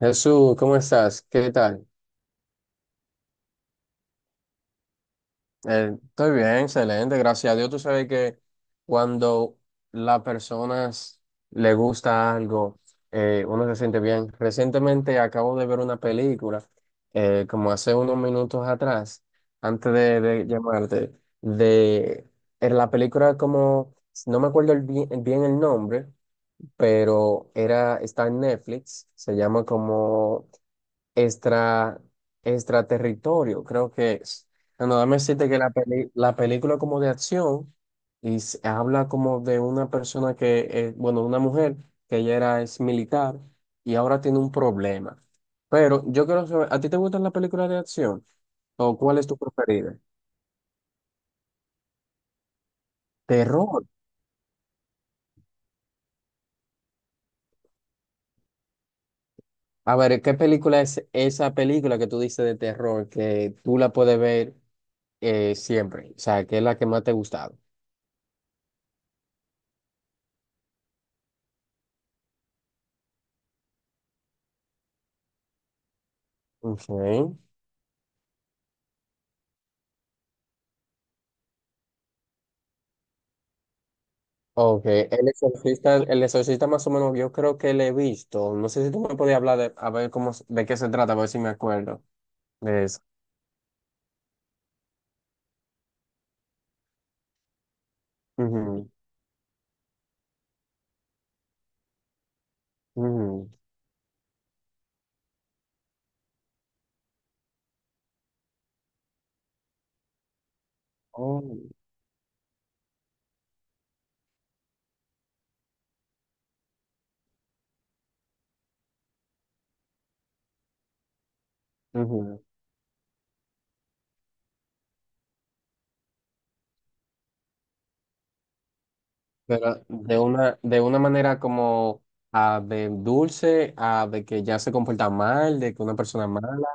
Jesús, ¿cómo estás? ¿Qué tal? Estoy bien, excelente, gracias a Dios. Tú sabes que cuando las personas le gusta algo, uno se siente bien. Recientemente acabo de ver una película, como hace unos minutos atrás, antes de llamarte, de era la película como, no me acuerdo el bien el nombre, pero era, está en Netflix, se llama como extra, extraterritorio, creo que es. Bueno, dame decirte que la la película como de acción y se habla como de una persona que, bueno, una mujer que ella era ex militar y ahora tiene un problema. Pero yo quiero saber, ¿a ti te gustan las películas de acción? ¿O cuál es tu preferida? Terror. A ver, ¿qué película es esa película que tú dices de terror que tú la puedes ver siempre? O sea, ¿qué es la que más te ha gustado? Ok. Ok, el exorcista más o menos yo creo que le he visto. No sé si tú me podías hablar de, a ver cómo, de qué se trata, a ver si me acuerdo de eso. Ujú, ujú, oh, ujú. Pero de una manera como ah, de dulce, a de que ya se comporta mal, de que una persona mala.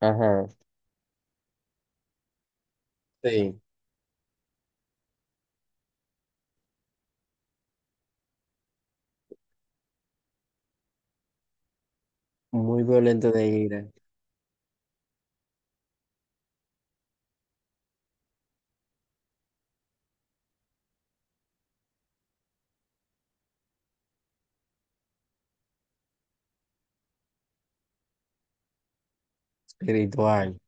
Ajá, sí, muy violento de ira, espiritual.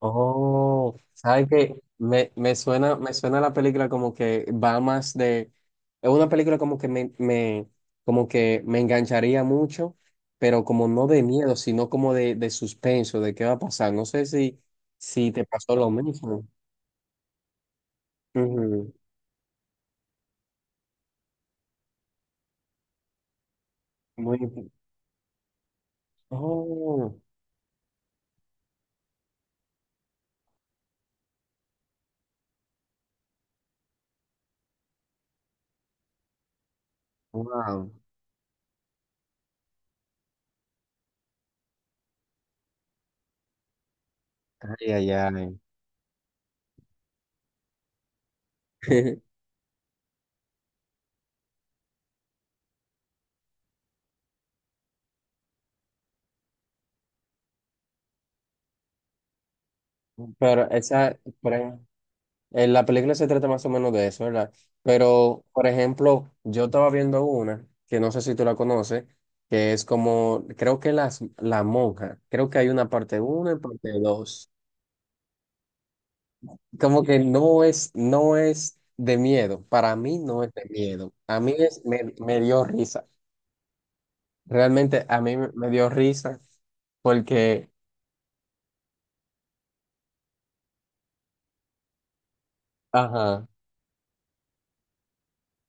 Oh, ¿sabes qué? Me, me suena la película como que va más de, es una película como que me, como que me engancharía mucho, pero como no de miedo, sino como de suspenso, de qué va a pasar. No sé si, si te pasó lo mismo. Ujú. Muy, oh, wow. Ay, ay, ay. Pero esa, por ahí- la película se trata más o menos de eso, ¿verdad? Pero, por ejemplo, yo estaba viendo una, que no sé si tú la conoces, que es como, creo que las, la monja, creo que hay una parte uno y parte dos. Como que no es, no es de miedo, para mí no es de miedo, a mí es, me dio risa, realmente a mí me dio risa porque, ajá.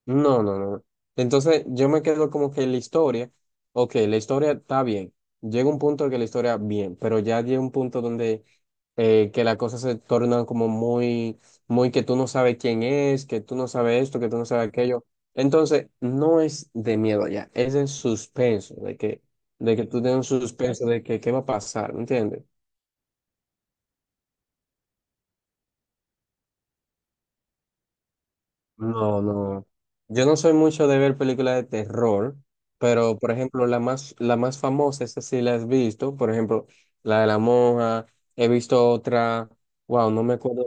No, no, no. Entonces yo me quedo como que la historia, ok, la historia está bien, llega un punto en que la historia bien, pero ya llega un punto donde que la cosa se torna como muy, muy que tú no sabes quién es, que tú no sabes esto, que tú no sabes aquello. Entonces no es de miedo ya, es el suspenso, de que tú tienes un suspenso de que qué va a pasar, ¿me entiendes? No, no. Yo no soy mucho de ver películas de terror, pero por ejemplo, la más famosa, esa sí la has visto, por ejemplo, la de la monja, he visto otra, wow, no me acuerdo,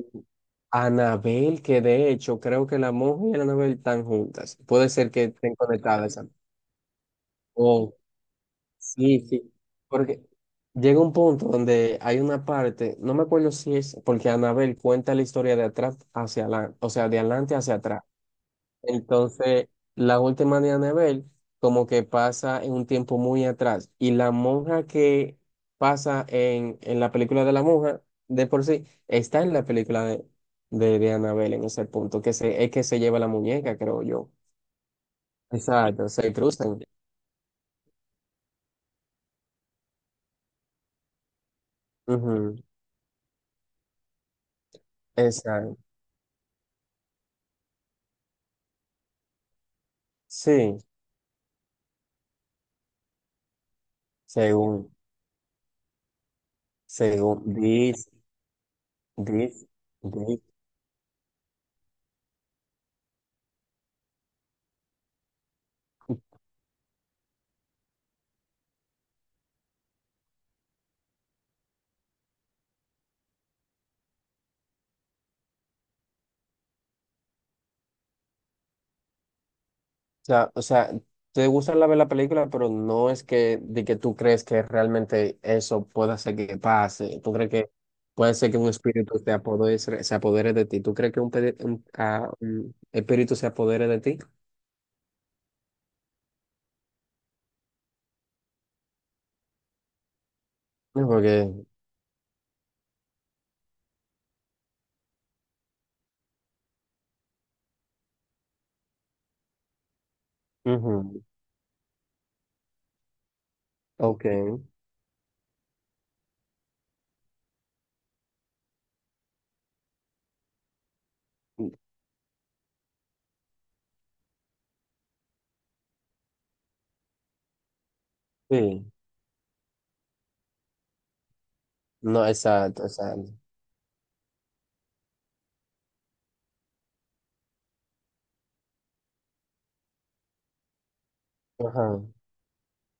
Anabel, que de hecho creo que la monja y Anabel están juntas, puede ser que estén conectadas. Esa- Oh, sí, sí, porque llega un punto donde hay una parte, no me acuerdo si es, porque Anabel cuenta la historia de atrás hacia adelante, o sea, de adelante hacia atrás. Entonces, la última de Anabel como que pasa en un tiempo muy atrás y la monja que pasa en la película de la monja, de por sí, está en la película de Annabelle en ese punto, que se, es que se lleva la muñeca, creo yo. Exacto, se cruzan. Ujú, exacto. Sí, según, según, dice, dice, sea, o sea, te gusta la ver la película, pero no es que de que tú crees que realmente eso pueda ser que pase. Tú crees que puede ser que un espíritu te apodere, se apodere de ti. ¿Tú crees que un, un espíritu se apodere de ti? No, porque, ujú, ok, sí, no, exacto, exacto. Ajá,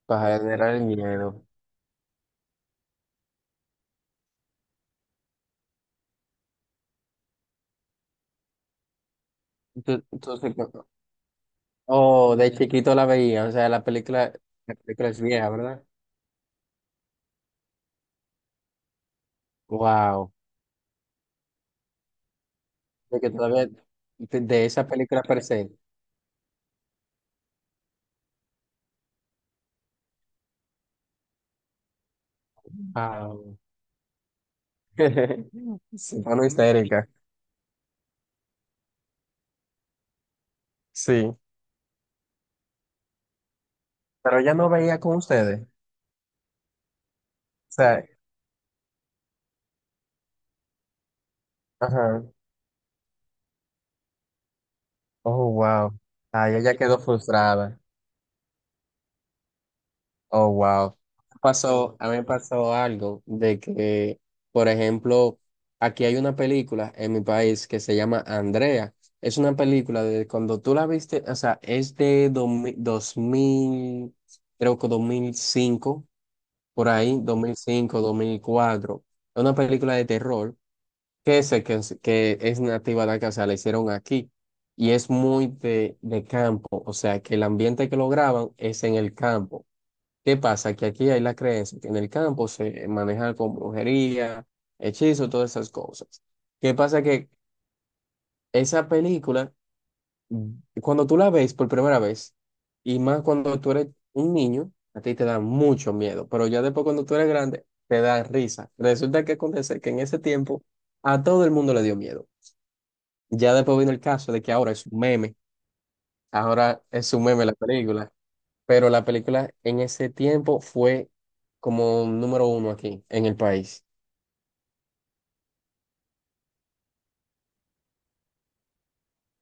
para generar el miedo. Tú- Entonces, co- oh, de chiquito la veía, o sea, la película es vieja, ¿verdad? Wow. De que todavía de esa película per se. Ah. Se pone histérica. Sí. Pero ella no veía con ustedes. O sea, ajá. Oh, wow. Ay, ella quedó frustrada. Oh, wow. Pasó, a mí me pasó algo de que, por ejemplo, aquí hay una película en mi país que se llama Andrea. Es una película de cuando tú la viste, o sea, es de 2000, 2000, creo que 2005 por ahí, 2005, 2004. Es una película de terror que, se, que es nativa de acá, o sea, la hicieron aquí. Y es muy de campo, o sea, que el ambiente que lo graban es en el campo. ¿Qué pasa? Que aquí hay la creencia que en el campo se maneja con brujería, hechizo, todas esas cosas. ¿Qué pasa? Que esa película cuando tú la ves por primera vez, y más cuando tú eres un niño, a ti te da mucho miedo, pero ya después cuando tú eres grande, te da risa. Resulta que acontece que en ese tiempo a todo el mundo le dio miedo. Ya después vino el caso de que ahora es un meme, ahora es un meme la película, pero la película en ese tiempo fue como número uno aquí en el país.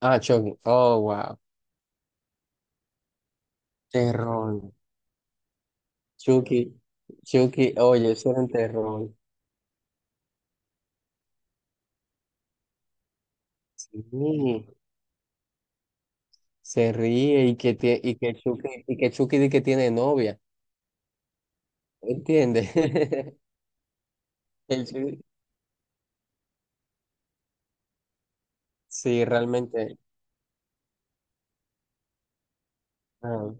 Ah, Chucky, oh, wow, terror. Chucky, Chucky, oye, eso era un terror. Sí. Se ríe y que, tie- y que Chucky di que tiene novia, ¿entiendes? El Chucky- sí, realmente, ah,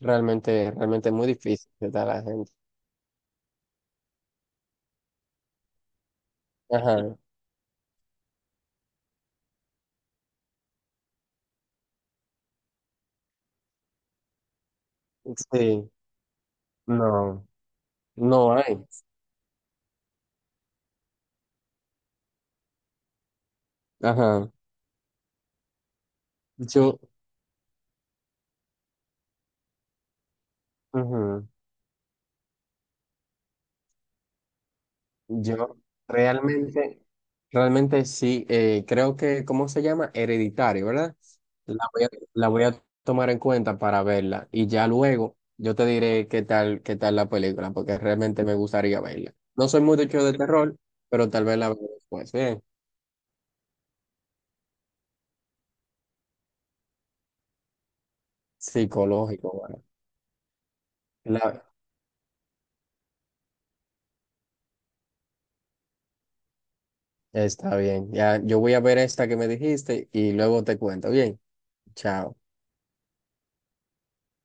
realmente, realmente es muy difícil que está la gente. Ajá, sí, no, no hay. Ajá, yo, ujú. Yo realmente, realmente sí, creo que, ¿cómo se llama? Hereditario, ¿verdad? La voy a, la voy a tomar en cuenta para verla y ya luego yo te diré qué tal la película, porque realmente me gustaría verla. No soy mucho de terror, pero tal vez la veo después. Bien, psicológico, bueno. La- está bien, ya yo voy a ver esta que me dijiste y luego te cuento. Bien, chao.